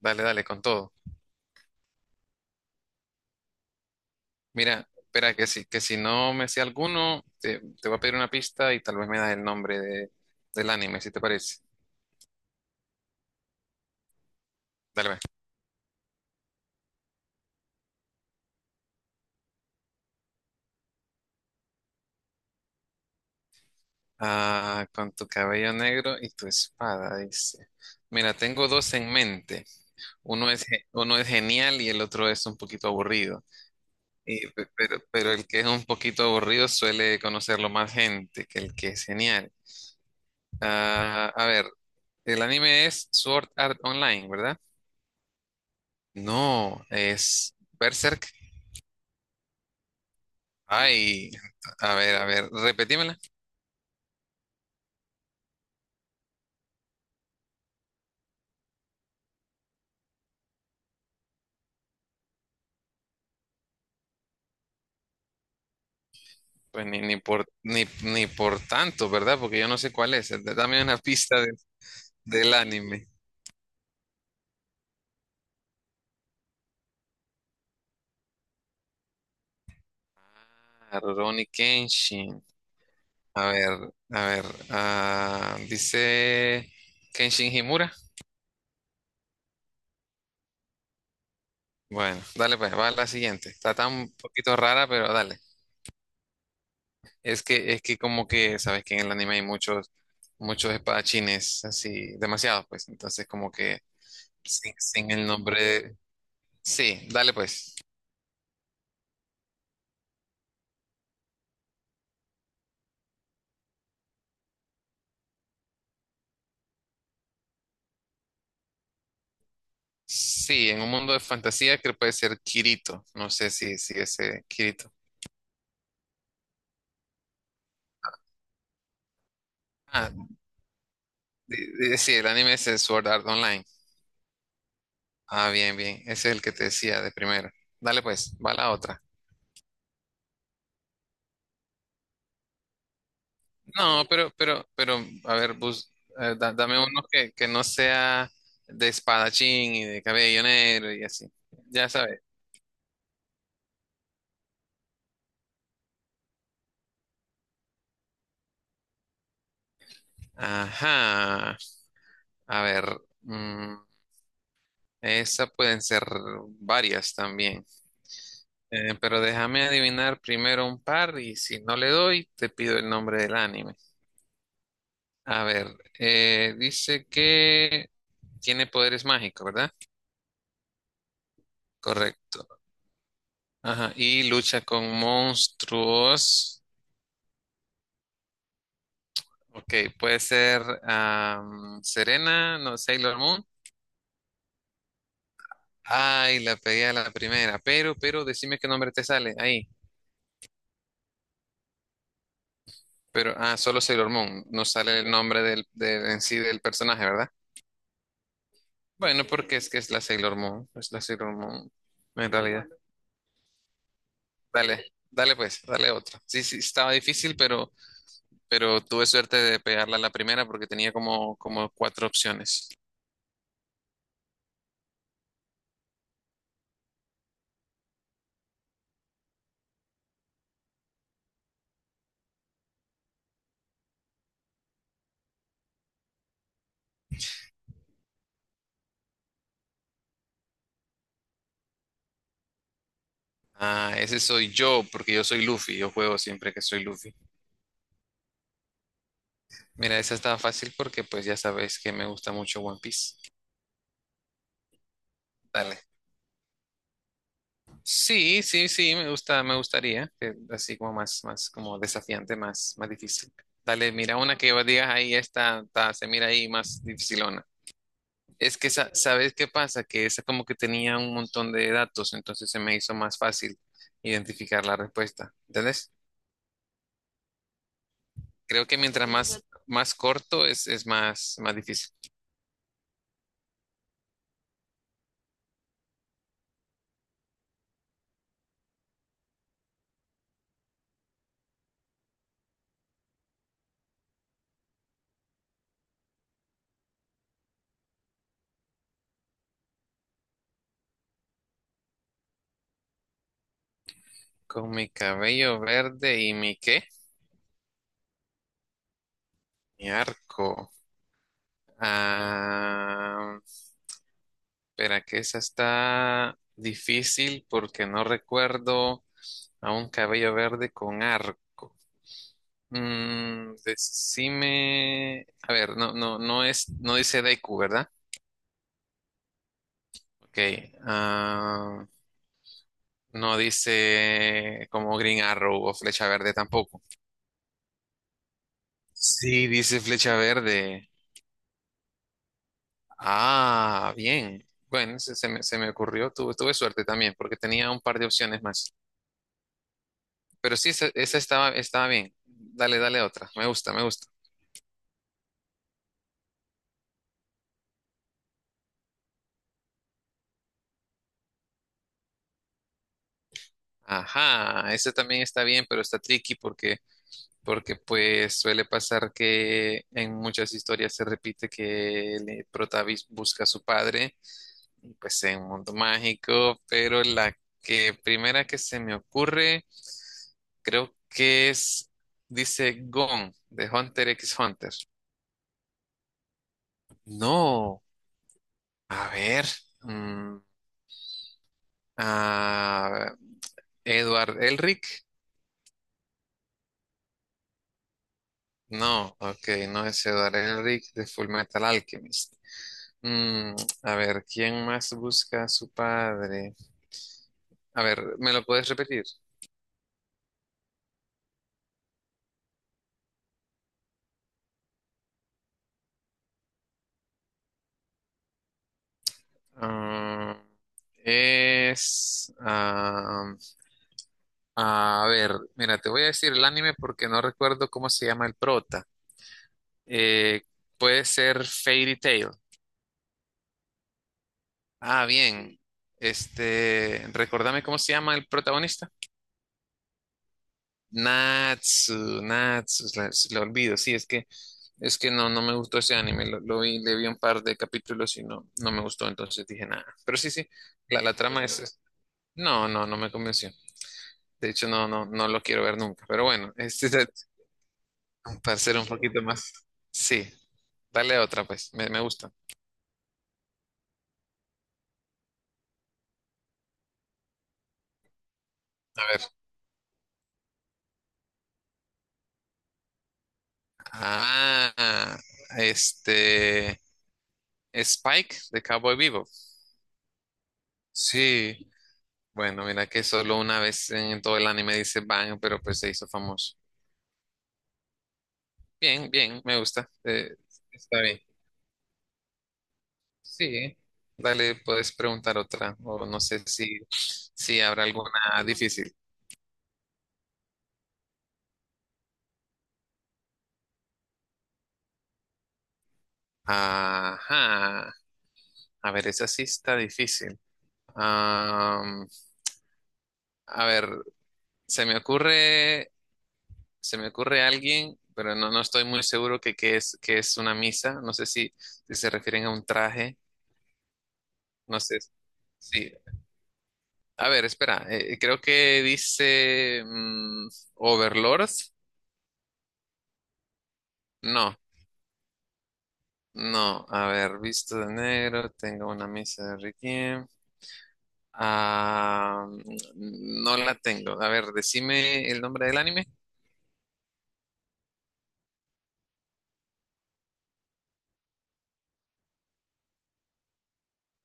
Dale, dale, con todo. Mira, espera, que si no me sé alguno, te voy a pedir una pista y tal vez me das el nombre del anime, si te parece. Dale, ve. Ah, con tu cabello negro y tu espada, dice. Mira, tengo dos en mente. Uno es genial y el otro es un poquito aburrido. Pero el que es un poquito aburrido suele conocerlo más gente que el que es genial. A ver, el anime es Sword Art Online, ¿verdad? No, es Berserk. Ay, a ver, repetímela. Pues ni por ni por tanto, ¿verdad? Porque yo no sé cuál es. Dame una pista del anime. Ah, Rurouni Kenshin. A ver, a ver. Dice Kenshin Himura. Bueno, dale pues, va a la siguiente. Está tan un poquito rara, pero dale. Es que como que, sabes que en el anime hay muchos espadachines, así, demasiados, pues. Entonces, como que sin el nombre. Sí, dale pues. Sí, en un mundo de fantasía creo que puede ser Kirito. No sé si, si ese Kirito. Ah, sí, el anime es el Sword Art Online. Ah, bien, bien. Ese es el que te decía de primero. Dale pues, va la otra. No, a ver, dame uno que no sea de espadachín y de cabello negro y así. Ya sabes. Ajá. A ver, mm, esa pueden ser varias también. Pero déjame adivinar primero un par y si no le doy, te pido el nombre del anime. A ver, dice que tiene poderes mágicos, ¿verdad? Correcto. Ajá, y lucha con monstruos. Ok, puede ser Serena, no, Sailor Moon. Ay, la pegué a la primera, pero, decime qué nombre te sale ahí. Pero, ah, solo Sailor Moon, no sale el nombre en sí del personaje, ¿verdad? Bueno, porque es que es la Sailor Moon, es la Sailor Moon en realidad. Dale, dale pues, dale otra. Sí, sí, estaba difícil, pero tuve suerte de pegarla a la primera porque tenía como cuatro opciones. Ah, ese soy yo, porque yo soy Luffy, yo juego siempre que soy Luffy. Mira, esa estaba fácil porque pues ya sabes que me gusta mucho One Piece. Dale. Sí, sí, sí, me gusta, me gustaría, que así como más como desafiante, más difícil. Dale, mira una que vos digas ahí, se mira ahí más difícil. Es que, ¿sabes qué pasa? Que esa como que tenía un montón de datos, entonces se me hizo más fácil identificar la respuesta. ¿Entendés? Creo que mientras más corto es más difícil. ¿Con mi cabello verde y mi qué? Mi arco. Ah, espera, que esa está difícil porque no recuerdo a un cabello verde con arco. Mm, decime, a ver, no es, no dice Deku, ¿verdad? Ok, ah, no dice como Green Arrow o Flecha Verde tampoco. Sí, dice Flecha Verde. Ah, bien. Bueno, se me ocurrió, tuve suerte también, porque tenía un par de opciones más. Pero sí, esa estaba bien. Dale, dale otra. Me gusta, me gusta. Ajá, esa también está bien, pero está tricky porque pues suele pasar que en muchas historias se repite que el protagonista busca a su padre, y pues en un mundo mágico, pero la que primera que se me ocurre, creo que es, dice Gon, de Hunter x Hunter. No, a ver, mm, a Edward Elric. No, ok, no es Edward Elric de Full Metal Alchemist. Mm, a ver, ¿quién más busca a su padre? A ver, ¿me lo puedes repetir? Ah, es... a ver, mira, te voy a decir el anime porque no recuerdo cómo se llama el prota. Eh, puede ser Fairy Tail. Ah, bien. Este, recordame cómo se llama el protagonista. Natsu, se lo olvido, sí, es que no, no me gustó ese anime, lo vi, le vi un par de capítulos y no, no me gustó, entonces dije nada. Pero sí, sí, la trama es- no, no me convenció. De hecho, no lo quiero ver nunca. Pero bueno, este es el- para ser un poquito más. Sí, dale otra, pues, me gusta. A ver. Ah, este, Spike de Cowboy Vivo. Sí, bueno, mira que solo una vez en todo el anime dice Bang, pero pues se hizo famoso. Bien, bien, me gusta. Está bien. Sí. Dale, puedes preguntar otra, o no sé si, si habrá alguna difícil. Ajá. A ver, esa sí está difícil. Am, a ver, se me ocurre, se me ocurre alguien, pero no, no estoy muy seguro que qué es, que es una misa. No sé si, si se refieren a un traje. No sé. Sí, a ver, espera, creo que dice mm, Overlord. No, no, a ver, visto de negro, tengo una misa de Requiem. Ah, mm, no la tengo. A ver, decime el nombre del anime.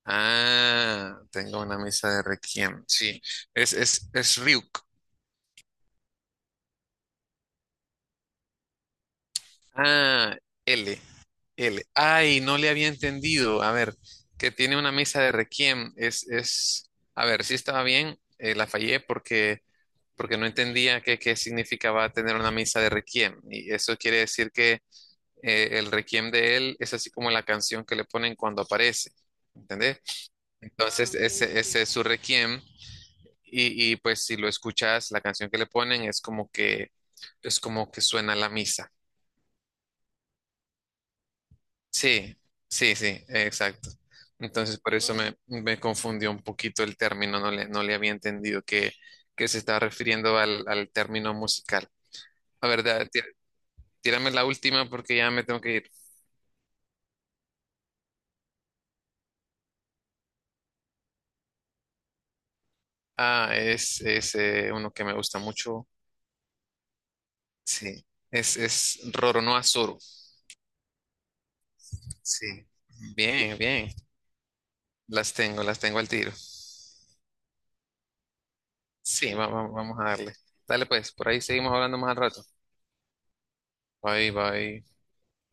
Ah, tengo una misa de Requiem. Sí, es Ryuk. Ah, L, L. Ay, no le había entendido. A ver, que tiene una misa de Requiem. Es, a ver, sí estaba bien, la fallé porque. Porque no entendía qué significaba tener una misa de requiem. Y eso quiere decir que el requiem de él es así como la canción que le ponen cuando aparece, ¿entendés? Entonces, ese es su requiem. Y pues si lo escuchas, la canción que le ponen es como que suena la misa. Sí, sí, sí, exacto. Entonces, por eso me confundió un poquito el término, no le había entendido que se estaba refiriendo al término musical. La verdad, tírame la última porque ya me tengo que ir. Ah, es uno que me gusta mucho. Sí, es Roronoa Suru. Sí, bien, bien. Las tengo al tiro. Sí, vamos a darle. Dale pues, por ahí seguimos hablando más al rato. Bye, bye.